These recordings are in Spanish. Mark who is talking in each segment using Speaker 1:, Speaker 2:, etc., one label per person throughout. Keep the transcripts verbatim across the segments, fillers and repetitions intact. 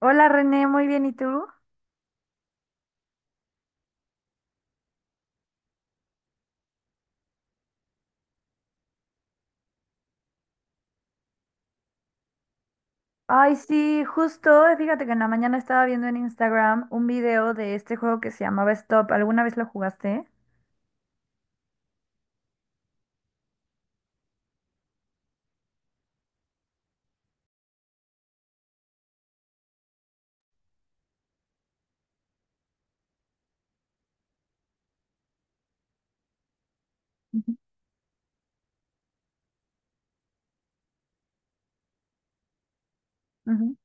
Speaker 1: Hola René, muy bien, ¿y tú? Ay, sí, justo, eh, fíjate que en la mañana estaba viendo en Instagram un video de este juego que se llamaba Stop. ¿Alguna vez lo jugaste? Ujú.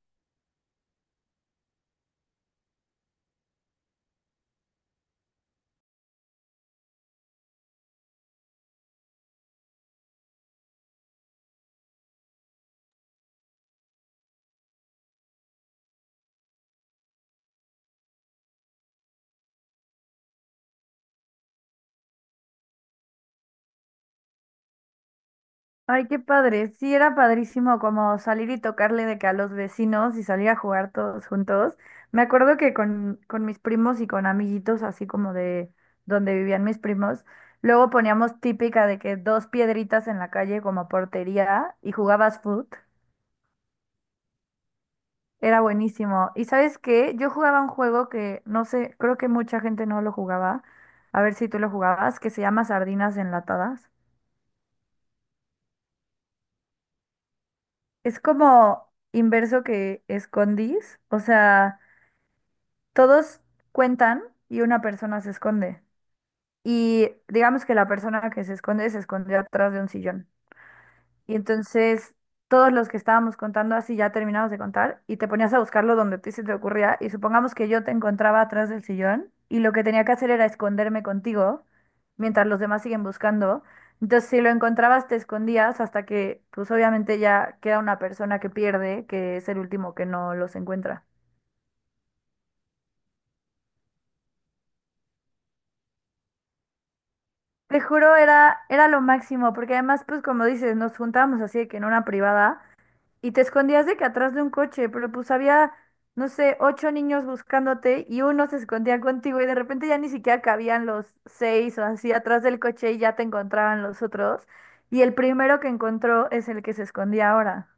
Speaker 1: Ay, qué padre. Sí, era padrísimo como salir y tocarle de que a los vecinos y salir a jugar todos juntos. Me acuerdo que con, con mis primos y con amiguitos, así como de donde vivían mis primos, luego poníamos típica de que dos piedritas en la calle como portería y jugabas foot. Era buenísimo. ¿Y sabes qué? Yo jugaba un juego que no sé, creo que mucha gente no lo jugaba. A ver si tú lo jugabas, que se llama Sardinas Enlatadas. Es como inverso que escondís, o sea... Todos cuentan y una persona se esconde. Y digamos que la persona que se esconde se escondió atrás de un sillón. Y entonces todos los que estábamos contando así ya terminamos de contar y te ponías a buscarlo donde a ti se te ocurría y supongamos que yo te encontraba atrás del sillón y lo que tenía que hacer era esconderme contigo mientras los demás siguen buscando. Entonces si lo encontrabas te escondías hasta que pues obviamente ya queda una persona que pierde, que es el último que no los encuentra. Te juro, era, era lo máximo, porque además, pues como dices, nos juntábamos así de que en una privada y te escondías de que atrás de un coche, pero pues había, no sé, ocho niños buscándote y uno se escondía contigo y de repente ya ni siquiera cabían los seis o así atrás del coche y ya te encontraban los otros. Y el primero que encontró es el que se escondía ahora.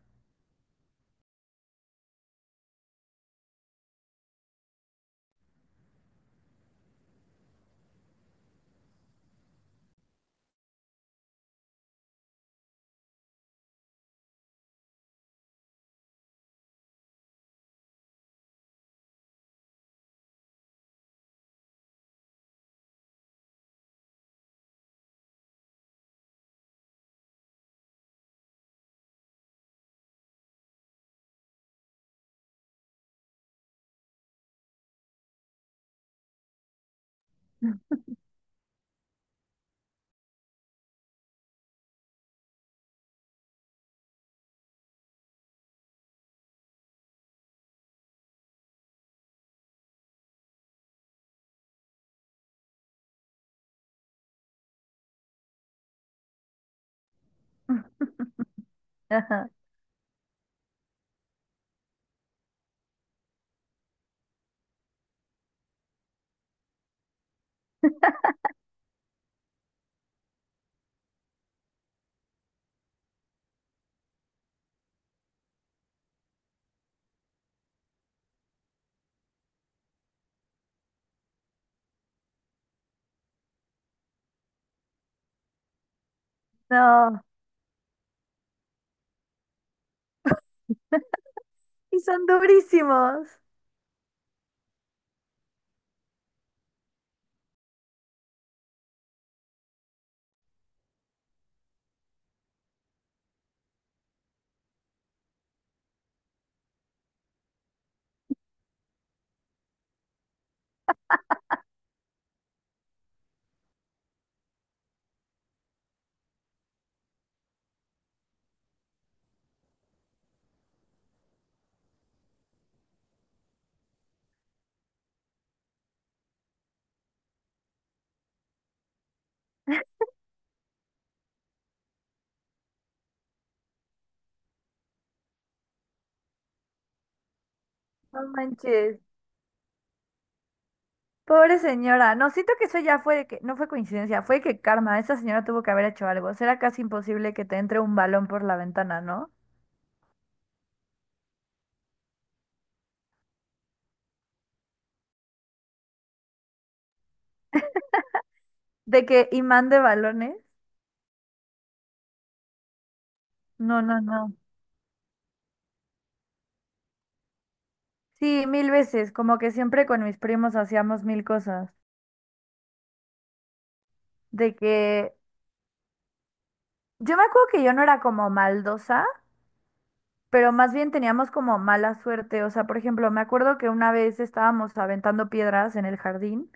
Speaker 1: Ajá. No, y son durísimos. No manches. Pobre señora, no, siento que eso ya fue de que, no fue coincidencia, fue que karma, esa señora tuvo que haber hecho algo. Será casi imposible que te entre un balón por la ventana, ¿no? De que imán de balones. No, no, no. Sí, mil veces, como que siempre con mis primos hacíamos mil cosas. De que yo me acuerdo que yo no era como maldosa, pero más bien teníamos como mala suerte. O sea, por ejemplo, me acuerdo que una vez estábamos aventando piedras en el jardín,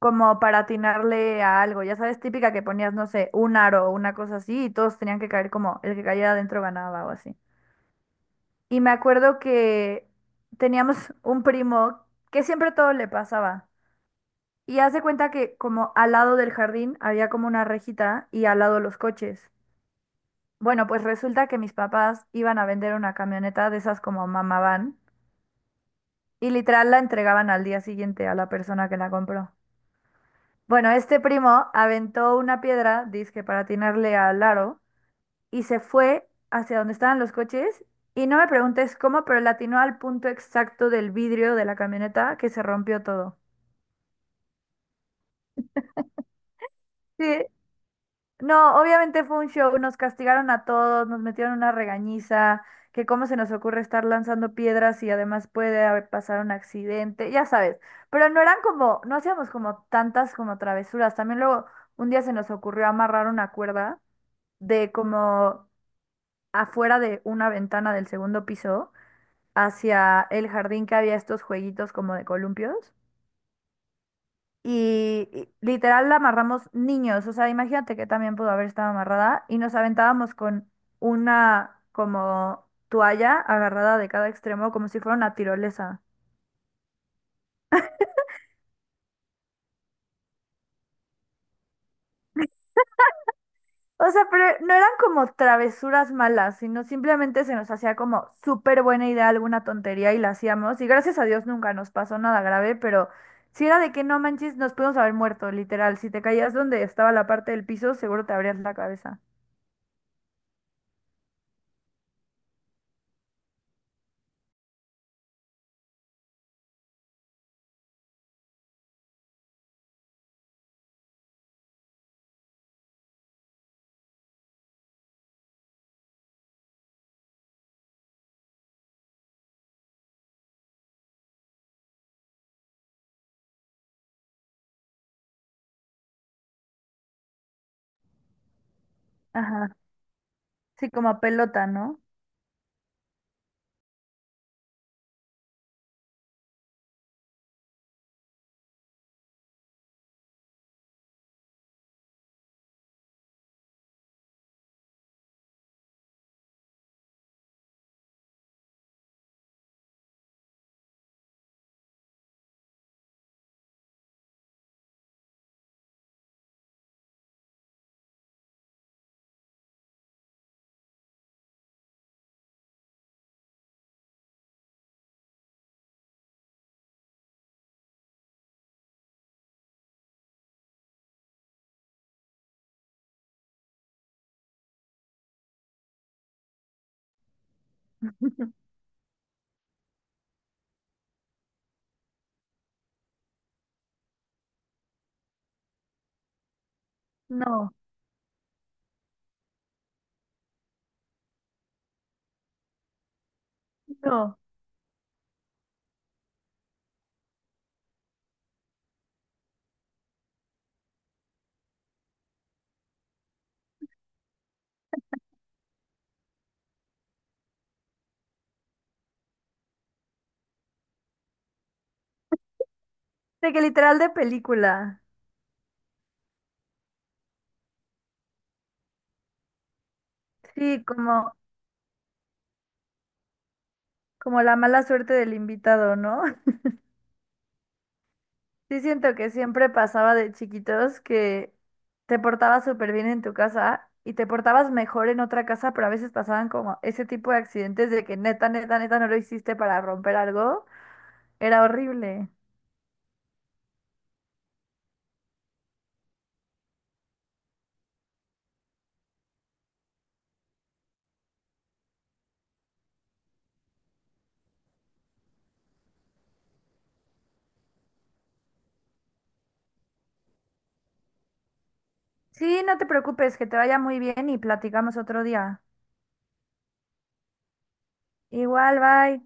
Speaker 1: como para atinarle a algo. Ya sabes, típica que ponías, no sé, un aro o una cosa así y todos tenían que caer como el que cayera adentro ganaba o así. Y me acuerdo que teníamos un primo que siempre todo le pasaba. Y hace cuenta que como al lado del jardín había como una rejita y al lado los coches. Bueno, pues resulta que mis papás iban a vender una camioneta de esas como mamá van y literal la entregaban al día siguiente a la persona que la compró. Bueno, este primo aventó una piedra, dizque para atinarle al aro, y se fue hacia donde estaban los coches. Y no me preguntes cómo, pero le atinó al punto exacto del vidrio de la camioneta que se rompió todo. Sí, no, obviamente fue un show, nos castigaron a todos, nos metieron una regañiza, que cómo se nos ocurre estar lanzando piedras y además puede haber pasado un accidente, ya sabes. Pero no eran como, no hacíamos como tantas como travesuras. También luego un día se nos ocurrió amarrar una cuerda, de como afuera de una ventana del segundo piso hacia el jardín que había estos jueguitos como de columpios. Y, y literal la amarramos niños, o sea, imagínate que también pudo haber estado amarrada y nos aventábamos con una como toalla agarrada de cada extremo como si fuera una tirolesa. O sea, pero no eran como travesuras malas, sino simplemente se nos hacía como súper buena idea alguna tontería y la hacíamos. Y gracias a Dios nunca nos pasó nada grave, pero si era de que no manches, nos pudimos haber muerto, literal. Si te caías donde estaba la parte del piso, seguro te abrías la cabeza. Ajá. Sí, como pelota, ¿no? No, no. De que literal de película. Sí, como, como la mala suerte del invitado, ¿no? Sí, siento que siempre pasaba de chiquitos que te portabas súper bien en tu casa y te portabas mejor en otra casa, pero a veces pasaban como ese tipo de accidentes de que neta, neta, neta no lo hiciste para romper algo. Era horrible. Sí, no te preocupes, que te vaya muy bien y platicamos otro día. Igual, bye.